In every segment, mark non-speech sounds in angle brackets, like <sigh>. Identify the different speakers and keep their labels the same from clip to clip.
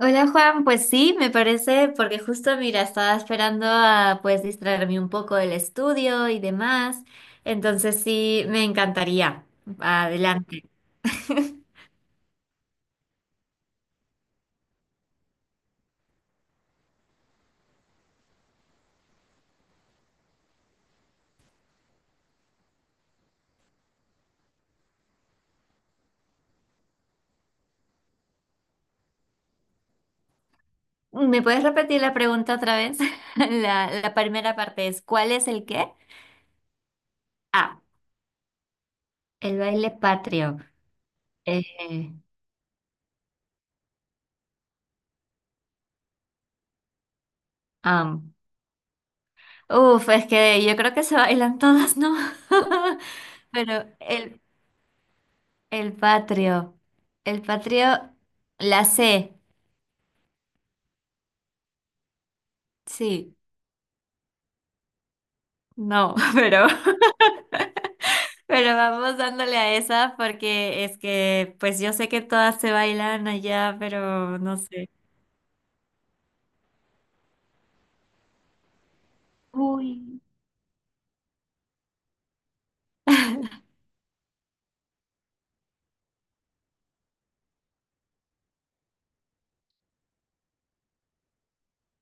Speaker 1: Hola Juan, pues sí, me parece, porque justo mira, estaba esperando a pues distraerme un poco del estudio y demás, entonces sí, me encantaría. Adelante. ¿Me puedes repetir la pregunta otra vez? <laughs> La primera parte es, ¿cuál es el qué? Ah, el baile patrio. Eh, am. Uf, es que yo creo que se bailan todas, ¿no? <laughs> Pero el patrio, el patrio, la C, sí. No, <laughs> pero vamos dándole a esa porque es que, pues yo sé que todas se bailan allá, pero no sé. Uy.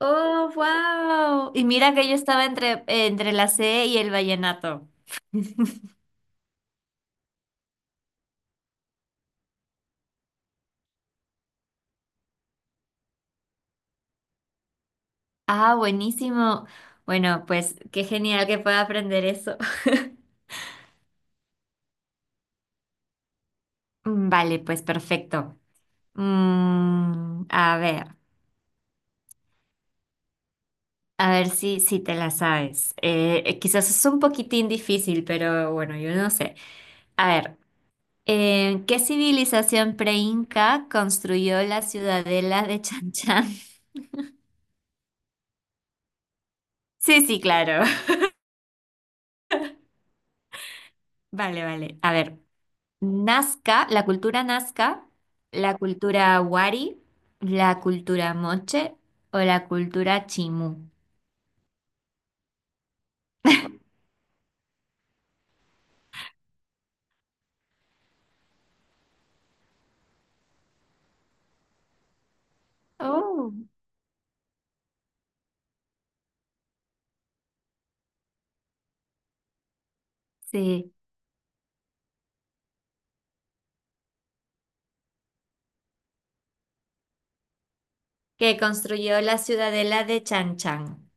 Speaker 1: Oh, wow. Y mira que yo estaba entre, entre la C y el vallenato. Ah, buenísimo. Bueno, pues qué genial que pueda aprender eso. <laughs> Mm, vale, pues perfecto. Mm, a ver si, si te la sabes. Quizás es un poquitín difícil, pero bueno, yo no sé. A ver. ¿Qué civilización pre-inca construyó la ciudadela de Chan Chan? <laughs> Sí, sí, claro. <laughs> Vale, vale. A ver, Nazca, la cultura Wari, la cultura Moche o la cultura Chimú. Oh, sí. Que construyó la ciudadela de Chan Chan.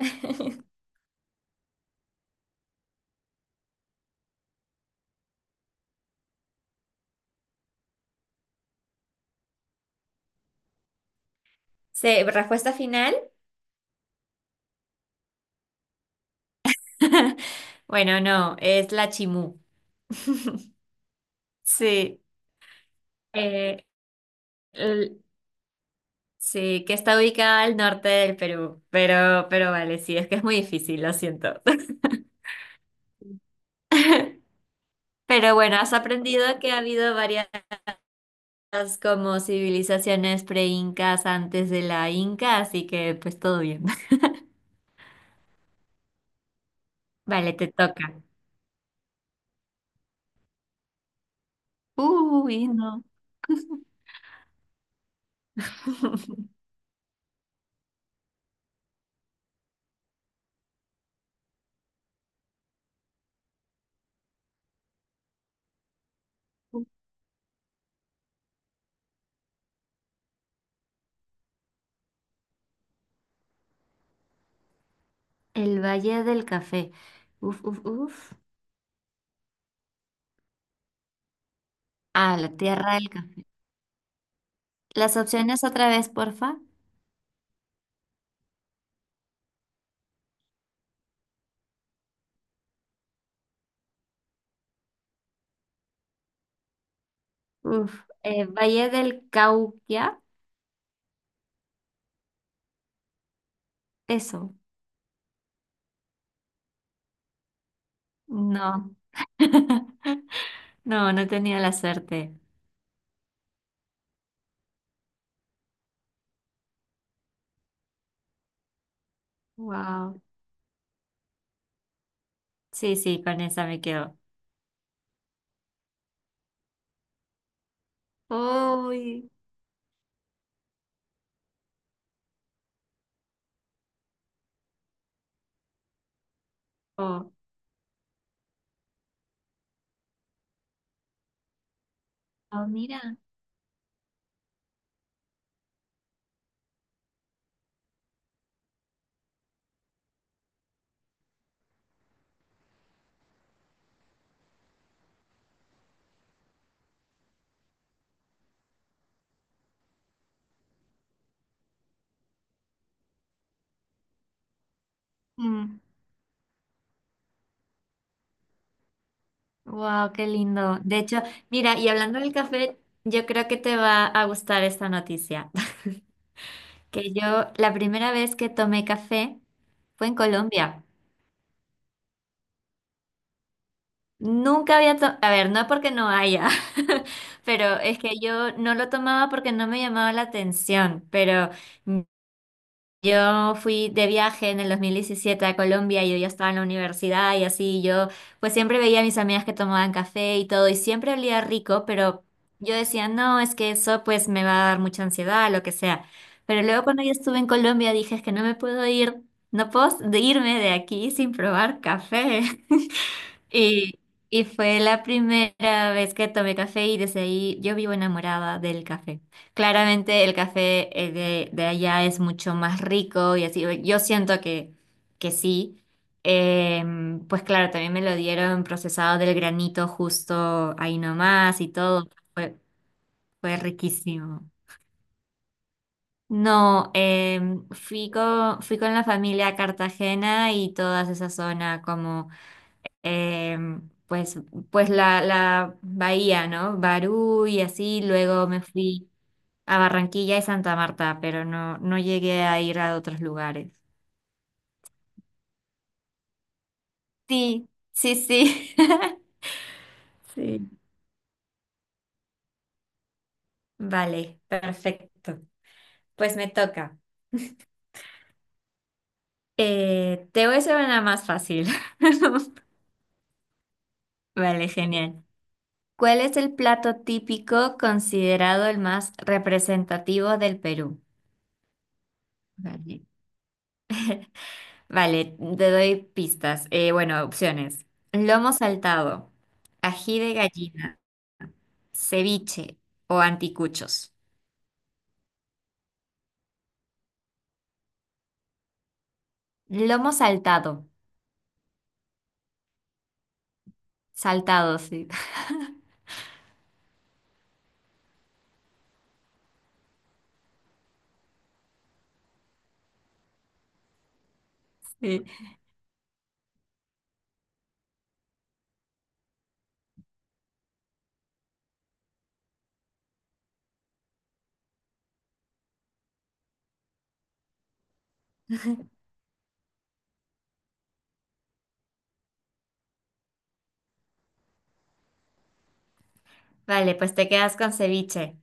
Speaker 1: <laughs> Sí, respuesta final. <laughs> Bueno, no, es la Chimú. <laughs> Sí. Eh, l- Sí, que está ubicada al norte del Perú, pero vale, sí, es que es muy difícil, lo siento. <laughs> Pero bueno, has aprendido que ha habido varias como civilizaciones pre-incas antes de la Inca, así que pues todo bien. <laughs> Vale, te toca. Uy, no. <laughs> El Valle del Café. Uf, uf, uf. Ah, la Tierra del Café. Las opciones otra vez, porfa. Uf, Valle del Cauquia. Eso. No. <laughs> No, no tenía la suerte. Wow. Sí, sí, con esa me quedo. Uy. Oh, oh, mira. Wow, qué lindo. De hecho, mira, y hablando del café, yo creo que te va a gustar esta noticia. <laughs> Que yo, la primera vez que tomé café fue en Colombia. Nunca había tomado, a ver, no porque no haya, <laughs> pero es que yo no lo tomaba porque no me llamaba la atención, pero yo fui de viaje en el 2017 a Colombia y yo ya estaba en la universidad y así yo pues siempre veía a mis amigas que tomaban café y todo y siempre olía rico, pero yo decía, no, es que eso pues me va a dar mucha ansiedad, lo que sea. Pero luego cuando yo estuve en Colombia dije, es que no me puedo ir, no puedo de irme de aquí sin probar café. Y, y fue la primera vez que tomé café y desde ahí yo vivo enamorada del café. Claramente el café de allá es mucho más rico y así, yo siento que sí. Em, pues claro, también me lo dieron procesado del granito justo ahí nomás y todo. Fue, fue riquísimo. No, em, fui con la familia a Cartagena y toda esa zona como em, pues la bahía, ¿no? Barú y así, luego me fui a Barranquilla y Santa Marta, pero no, no llegué a ir a otros lugares. Sí, sí, sí. <laughs> Sí. Vale, perfecto. Pues me toca. Te voy a hacer una más fácil. <laughs> Vale, genial. ¿Cuál es el plato típico considerado el más representativo del Perú? Vale. Vale, te doy pistas. Bueno, opciones. Lomo saltado, ají de gallina, ceviche o anticuchos. Lomo saltado. Saltado, sí. <laughs> Sí. Vale, pues te quedas con ceviche.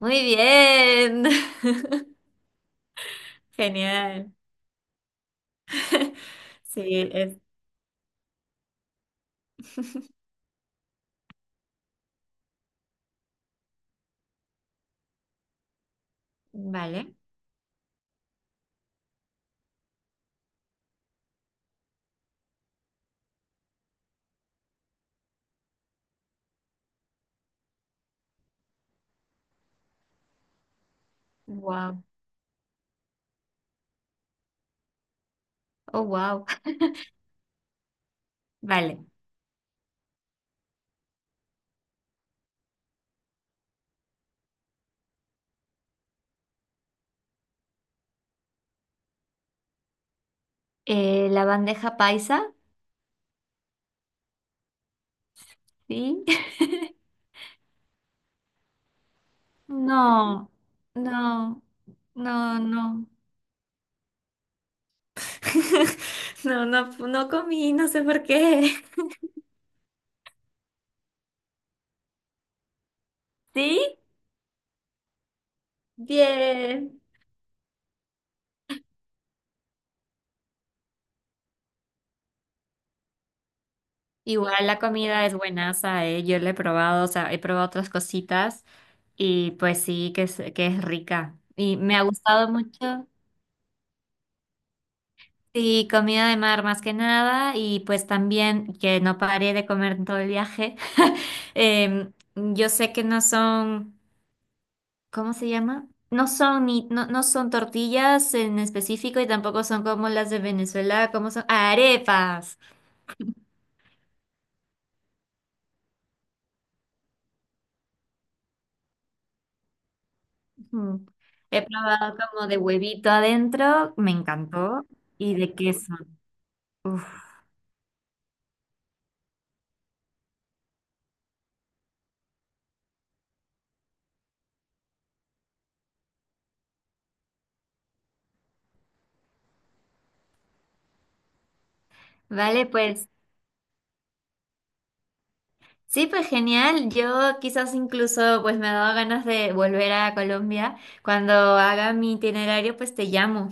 Speaker 1: Muy bien. <laughs> Genial. <laughs> Sí, es... Vale. Wow. Oh, wow. Vale. La bandeja paisa, sí. <laughs> No, no, no, no. <laughs> No, no, no comí, no sé por qué. ¿Sí? Bien. Igual la comida es buenaza, yo la he probado, o sea, he probado otras cositas y pues sí, que es rica. Y me ha gustado mucho. Sí, comida de mar más que nada y pues también que no paré de comer en todo el viaje. <laughs> Em, yo sé que no son... ¿Cómo se llama? No son ni, no, no son tortillas en específico y tampoco son como las de Venezuela, como son arepas. Ujú. He probado como de huevito adentro, me encantó, y de queso. Uf. Vale, pues sí, pues genial. Yo quizás incluso pues me ha dado ganas de volver a Colombia. Cuando haga mi itinerario, pues te llamo.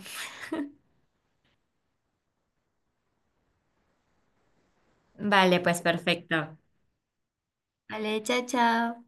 Speaker 1: Vale, pues perfecto. Vale, chao, chao.